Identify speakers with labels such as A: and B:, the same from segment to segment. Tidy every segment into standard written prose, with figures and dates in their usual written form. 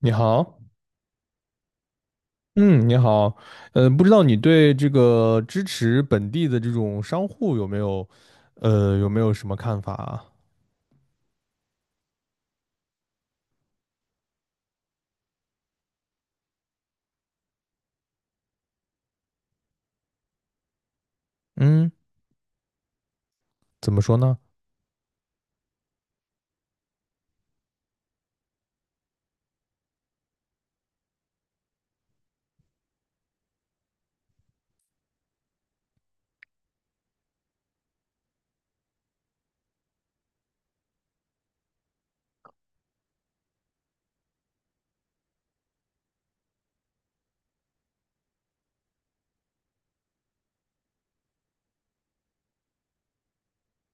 A: 你好。嗯，你好。不知道你对这个支持本地的这种商户有没有，有没有什么看法啊？嗯，怎么说呢？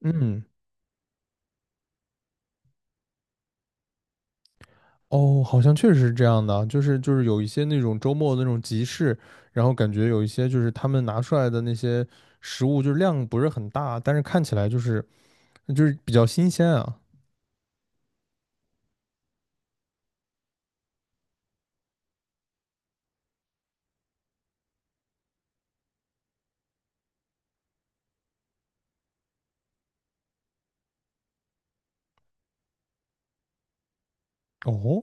A: 嗯，哦，好像确实是这样的啊，就是有一些那种周末的那种集市，然后感觉有一些就是他们拿出来的那些食物，就是量不是很大，但是看起来就是比较新鲜啊。哦，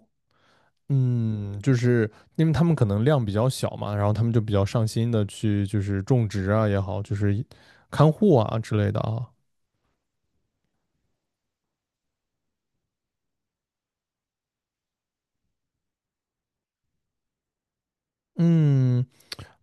A: 嗯，就是因为他们可能量比较小嘛，然后他们就比较上心的去就是种植啊也好，就是看护啊之类的啊。嗯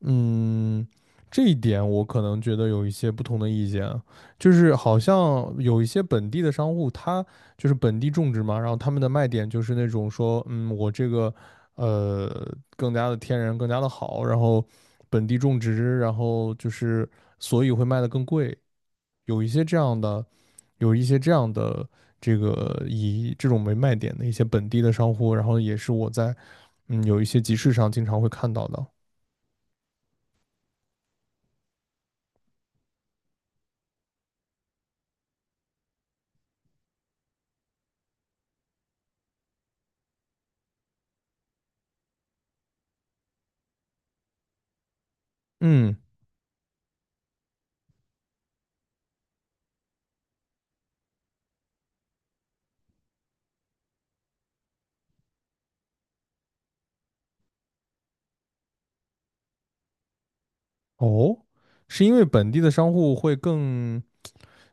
A: 嗯，这一点我可能觉得有一些不同的意见啊，就是好像有一些本地的商户，他就是本地种植嘛，然后他们的卖点就是那种说，嗯，我这个呃更加的天然，更加的好，然后本地种植，然后就是所以会卖的更贵。有一些这样的，有一些这样的，这个以这种为卖点的一些本地的商户，然后也是我在嗯有一些集市上经常会看到的。嗯，哦，是因为本地的商户会更，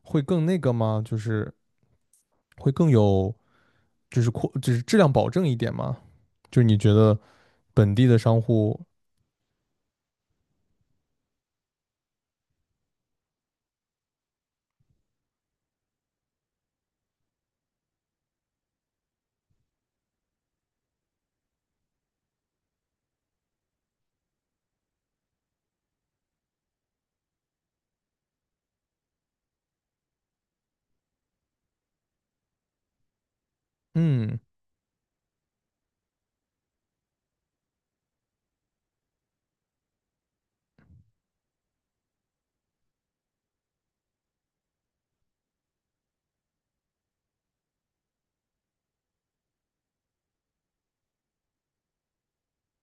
A: 会更那个吗？就是会更有，就是扩就是质量保证一点吗？就你觉得本地的商户，嗯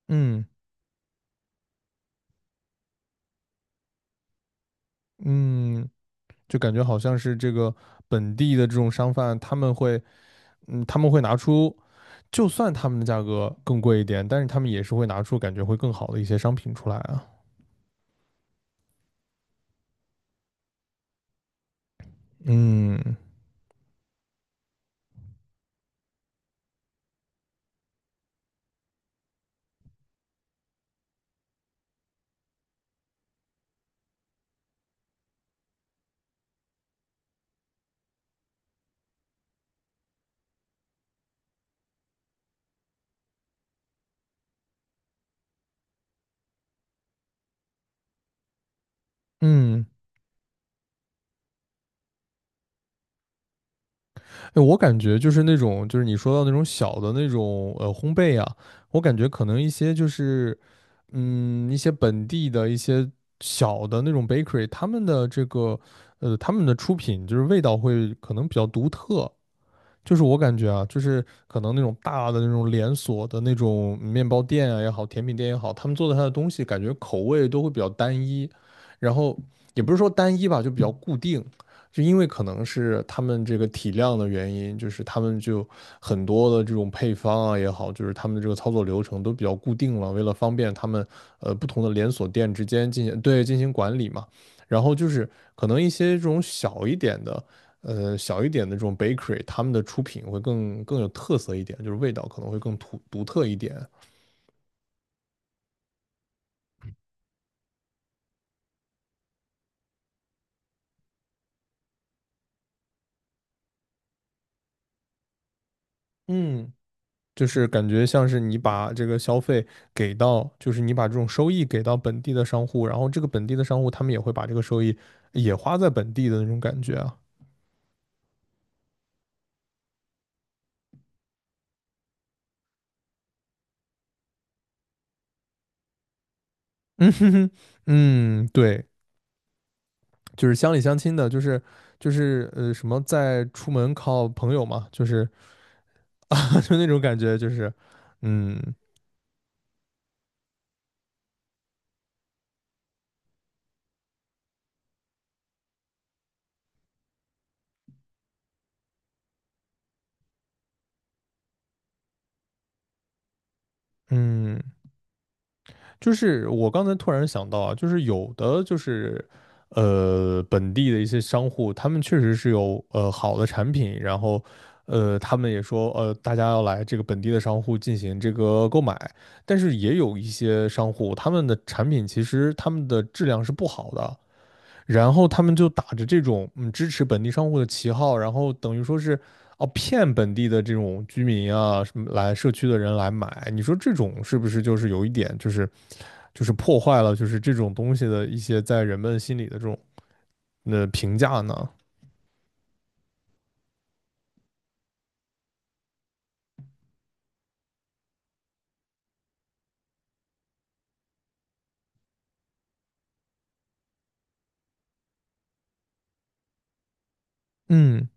A: 嗯嗯，就感觉好像是这个本地的这种商贩，他们会嗯他们会拿出。就算他们的价格更贵一点，但是他们也是会拿出感觉会更好的一些商品出来啊。嗯嗯，哎，我感觉就是那种，就是你说到那种小的那种烘焙啊，我感觉可能一些就是嗯一些本地的一些小的那种 bakery,他们的这个他们的出品就是味道会可能比较独特，就是我感觉啊，就是可能那种大的那种连锁的那种面包店啊也好，甜品店也好，他们做的它的东西感觉口味都会比较单一，然后也不是说单一吧，就比较固定。就因为可能是他们这个体量的原因，就是他们就很多的这种配方啊也好，就是他们的这个操作流程都比较固定了，为了方便他们不同的连锁店之间进行管理嘛。然后就是可能一些这种小一点的，小一点的这种 bakery,他们的出品会更有特色一点，就是味道可能会更独特一点。嗯，就是感觉像是你把这个消费给到，就是你把这种收益给到本地的商户，然后这个本地的商户他们也会把这个收益也花在本地的那种感觉啊。嗯哼哼，嗯，对，就是乡里乡亲的，就是就是什么在出门靠朋友嘛，就是 就那种感觉，就是嗯。嗯就是我刚才突然想到啊，就是有的就是本地的一些商户，他们确实是有好的产品，然后他们也说大家要来这个本地的商户进行这个购买，但是也有一些商户他们的产品其实他们的质量是不好的，然后他们就打着这种嗯支持本地商户的旗号，然后等于说是。哦，骗本地的这种居民啊，什么来社区的人来买，你说这种是不是就是有一点就是就是破坏了就是这种东西的一些在人们心里的这种评价呢？嗯，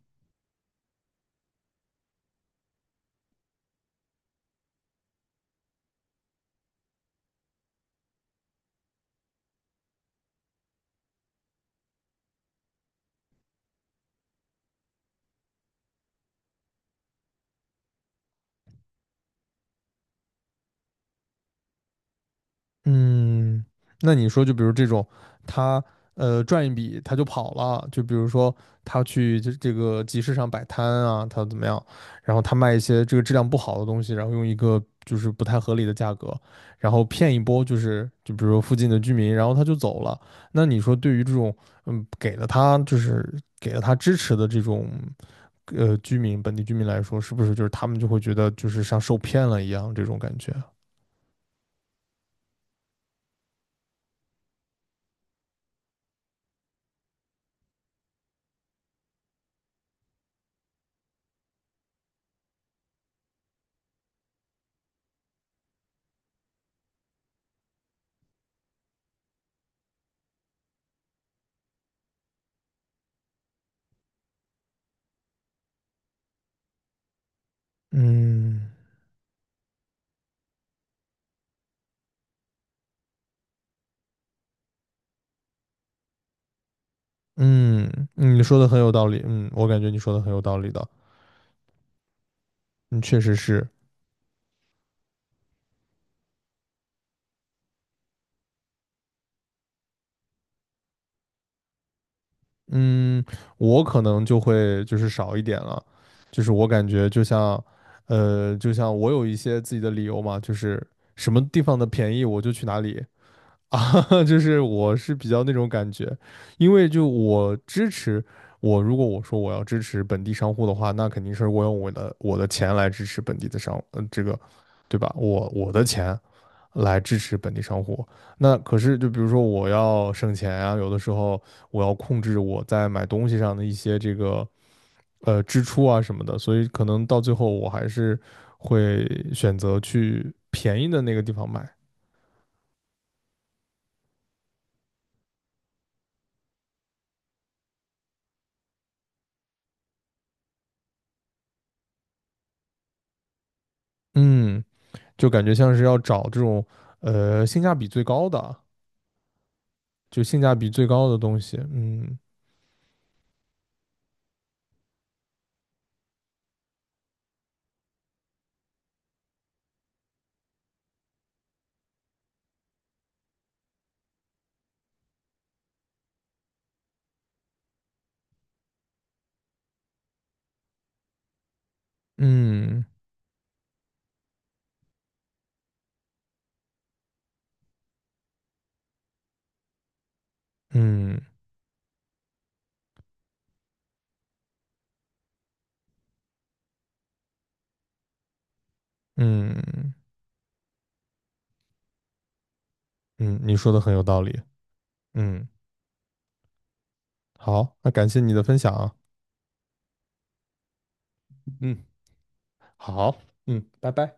A: 嗯，那你说就比如这种他赚一笔他就跑了，就比如说他去这个集市上摆摊啊，他怎么样？然后他卖一些这个质量不好的东西，然后用一个就是不太合理的价格，然后骗一波就是就比如说附近的居民，然后他就走了。那你说对于这种嗯给了他就是给了他支持的这种居民本地居民来说，是不是就是他们就会觉得就是像受骗了一样这种感觉？嗯嗯，嗯，你说的很有道理，嗯，我感觉你说的很有道理的，嗯，确实是。嗯，我可能就会就是少一点了，就是我感觉就像，就像我有一些自己的理由嘛，就是什么地方的便宜我就去哪里啊，就是我是比较那种感觉，因为就我支持我，如果我说我要支持本地商户的话，那肯定是我用我的钱来支持本地的商，嗯，这个，对吧？我我的钱来支持本地商户。那可是就比如说我要省钱啊，有的时候我要控制我在买东西上的一些这个支出啊什么的，所以可能到最后我还是会选择去便宜的那个地方买。嗯。就感觉像是要找这种性价比最高的，就性价比最高的东西。嗯，嗯嗯嗯嗯，你说的很有道理。嗯，好，那感谢你的分享啊。嗯，好，嗯，拜拜。